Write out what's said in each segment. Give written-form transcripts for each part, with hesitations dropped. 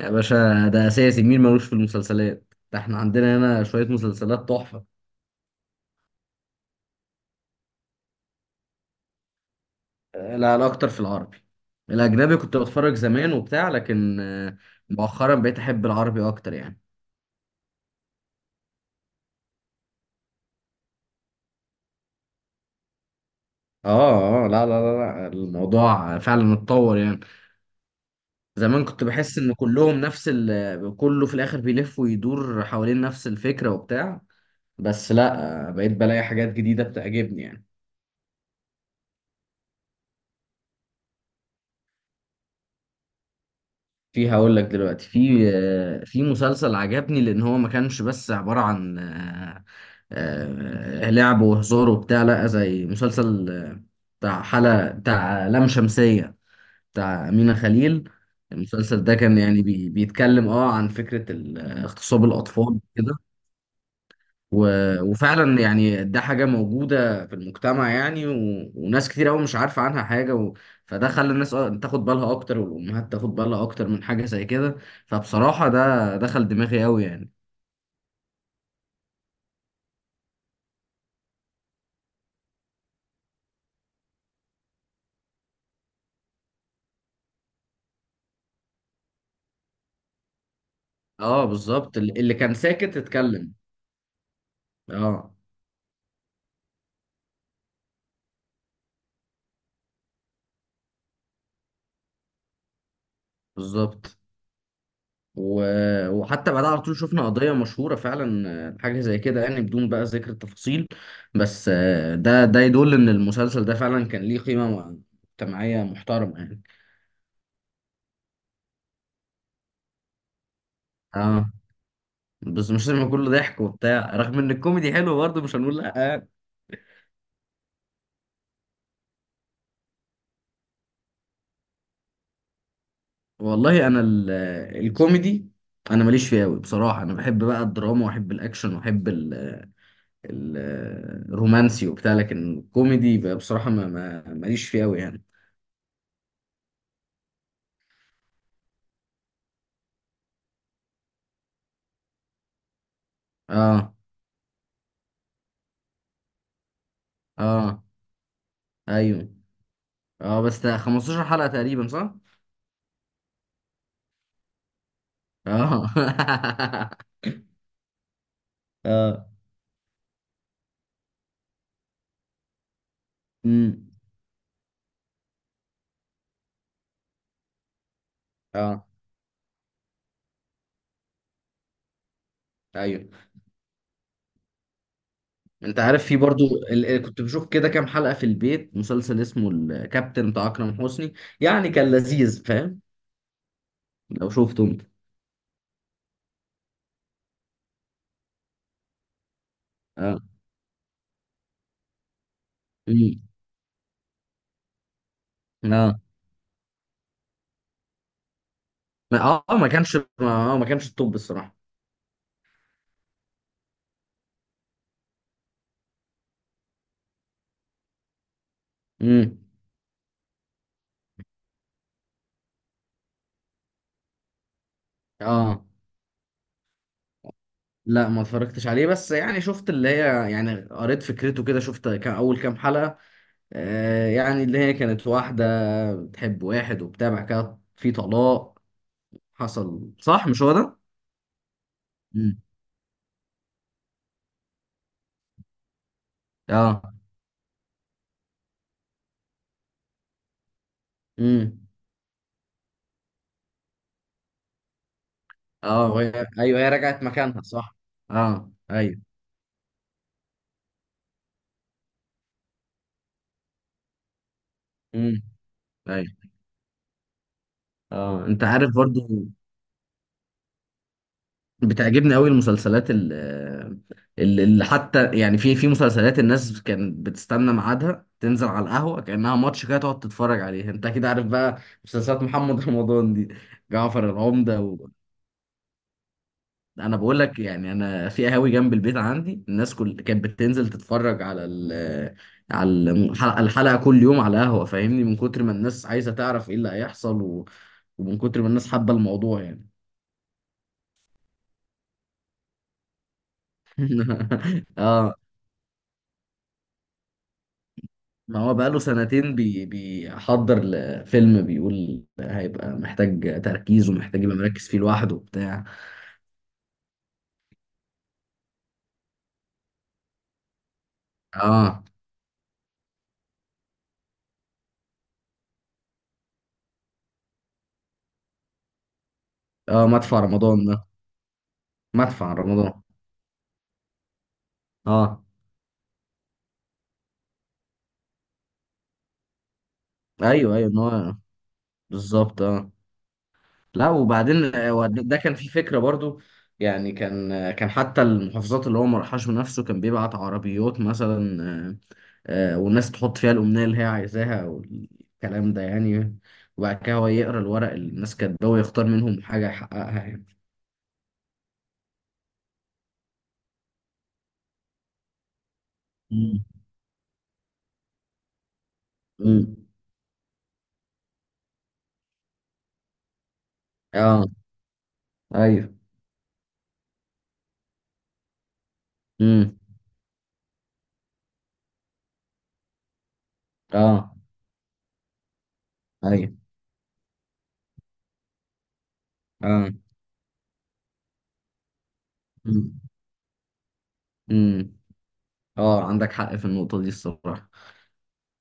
يا باشا، ده اساسي. مين ملوش في المسلسلات؟ ده احنا عندنا هنا شوية مسلسلات تحفة. لا لا اكتر في العربي. الاجنبي كنت بتفرج زمان وبتاع، لكن مؤخرا بقيت احب العربي اكتر يعني. اه اه، لا لا لا لا، الموضوع فعلا اتطور يعني. زمان كنت بحس ان كلهم نفس كله في الاخر بيلف ويدور حوالين نفس الفكرة وبتاع. بس لا، بقيت بلاقي حاجات جديدة بتعجبني يعني. في، هقول لك دلوقتي، في مسلسل عجبني، لان هو ما كانش بس عبارة عن لعب وهزار وبتاع، لا زي مسلسل، بتاع حلقة بتاع لام شمسية، بتاع أمينة خليل. المسلسل ده كان يعني بيتكلم اه عن فكرة اغتصاب الأطفال كده. وفعلا يعني ده حاجة موجودة في المجتمع يعني، وناس كتير قوي مش عارفة عنها حاجة. فده خلى الناس تاخد بالها أكتر، والأمهات تاخد بالها أكتر من حاجة زي كده. فبصراحة ده دخل دماغي قوي يعني. اه بالظبط، اللي كان ساكت اتكلم. اه بالظبط. و... وحتى بعدها على طول شفنا قضية مشهورة فعلا، حاجة زي كده يعني، بدون بقى ذكر التفاصيل. بس ده يدل إن المسلسل ده فعلا كان ليه قيمة مجتمعية محترمة يعني. اه، بس مش لازم كله ضحك وبتاع، رغم ان الكوميدي حلو برضه مش هنقول لا يعني. والله انا الكوميدي، انا ماليش فيه قوي بصراحه. انا بحب بقى الدراما واحب الاكشن واحب ال- الرومانسي وبتاع، لكن الكوميدي بقى بصراحه ماليش فيه قوي يعني. اه اه ايوه. اه بس ده 15 حلقه تقريبا، صح؟ اه اه. امم. اه. ايوه انت عارف، في برضو كنت بشوف كده كام حلقة في البيت مسلسل اسمه الكابتن بتاع اكرم حسني، يعني كان لذيذ، فاهم؟ لو شفته انت. اه. امم. اه ما كانش التوب الصراحة. امم. اه، لا ما اتفرجتش عليه، بس يعني شفت اللي هي، يعني قريت فكرته كده، شفت كان اول كام حلقة. يعني اللي هي كانت واحدة بتحب واحد وبتاع، بعد كده في طلاق حصل، صح؟ مش هو ده؟ امم. اه. امم. اه ايوه، هي رجعت مكانها صح. اه ايوه. امم. ايوه. اه، انت عارف برضو، بتعجبني قوي المسلسلات، اللي حتى يعني في مسلسلات الناس كانت بتستنى ميعادها تنزل على القهوه كانها ماتش كده تقعد تتفرج عليه، انت اكيد عارف بقى، مسلسلات محمد رمضان دي، جعفر العمده. انا بقول لك يعني، انا في قهاوي جنب البيت عندي الناس كل كانت بتنزل تتفرج على الحلقة كل يوم على قهوه، فاهمني؟ من كتر ما الناس عايزه تعرف ايه اللي هيحصل، ومن كتر ما الناس حابه الموضوع يعني. اه. ما هو بقاله سنتين بيحضر لفيلم، بيقول هيبقى محتاج تركيز ومحتاج يبقى مركز فيه لوحده وبتاع. اه اه، مدفع رمضان ده. مدفع رمضان. اه ايوه ايوه، ان هو بالظبط اه. لا وبعدين، ده كان في فكرة برضو. يعني كان، كان حتى المحافظات اللي هو ما راحهاش بنفسه كان بيبعت عربيات مثلا، والناس تحط فيها الأمنية اللي هي عايزاها والكلام ده يعني، وبعد كده هو يقرأ الورق اللي الناس كاتباه ويختار منهم حاجة يحققها يعني. مم. مم. اه ايوه. مم. اه ايوه اه. مم. مم. اه، عندك حق في النقطة دي الصراحة.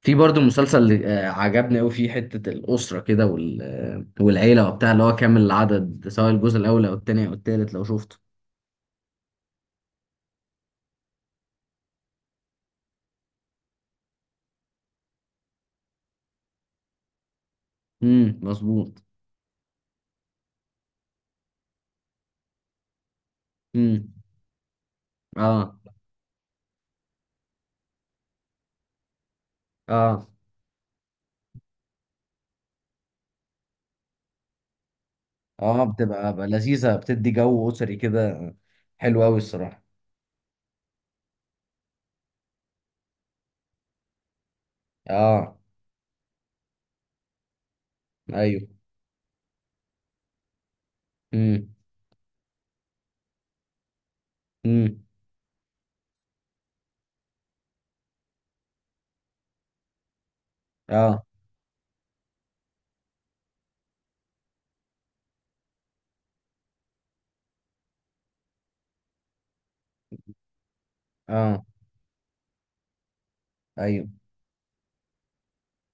في برضو مسلسل، عجبني قوي، فيه حتة الأسرة كده والعيلة وبتاع، اللي هو كامل العدد، سواء الجزء الأول أو التاني أو التالت لو شفته. امم، مظبوط. امم. اه اه اه، بتبقى بقى لذيذة، بتدي جو أسري كده، حلو قوي الصراحة. اه ايوه. امم. امم. اه اه ايوه.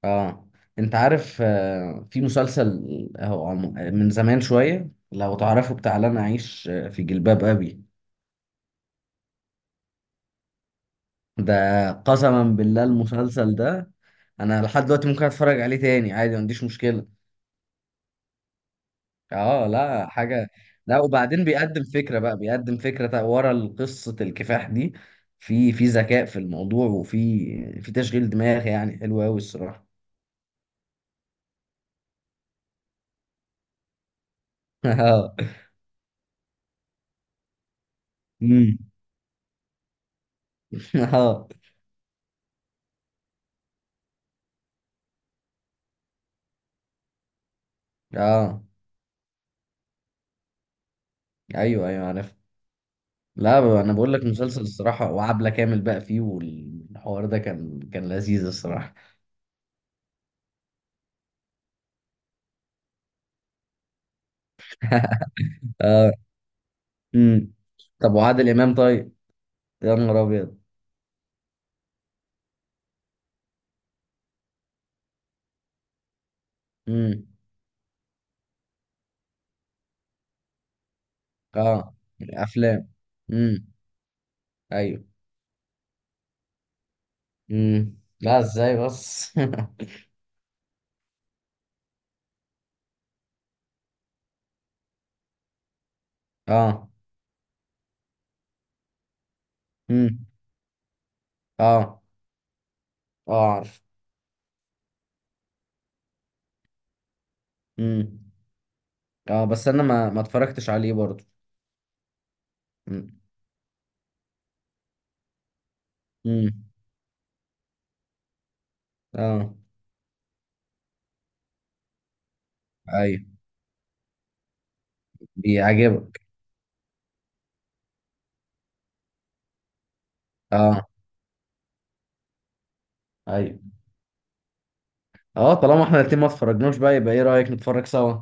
اه انت عارف، في مسلسل، آه، هو عم- آه، من زمان شوية لو تعرفه، بتاع لن أعيش في جلباب أبي. ده قسما بالله، المسلسل ده. انا لحد دلوقتي ممكن اتفرج عليه تاني عادي، ما عنديش مشكله. اه لا حاجه. لا وبعدين بيقدم فكره بقى، ورا قصه الكفاح دي، في ذكاء في الموضوع، وفي تشغيل دماغ، يعني حلو قوي الصراحه. اه. أمم. اه اه ايوه ايوه عارف. لا انا بقول لك، مسلسل الصراحه، وعبله كامل بقى فيه، والحوار ده كان لذيذ الصراحه. اه. أمم. طب وعادل امام طيب؟ يا نهار ابيض. امم. اه. افلام. امم. ايوه. امم. لا ازاي بس؟ اه. امم. اه اه عارف. امم. اه بس انا ما اتفرجتش عليه برضه. امم. امم. اه ايوه، بيعجبك. اه ايوه. اه، طالما احنا الاتنين ما اتفرجناش، بقى يبقى ايه رأيك نتفرج سوا؟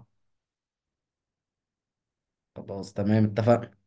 خلاص تمام، اتفقنا.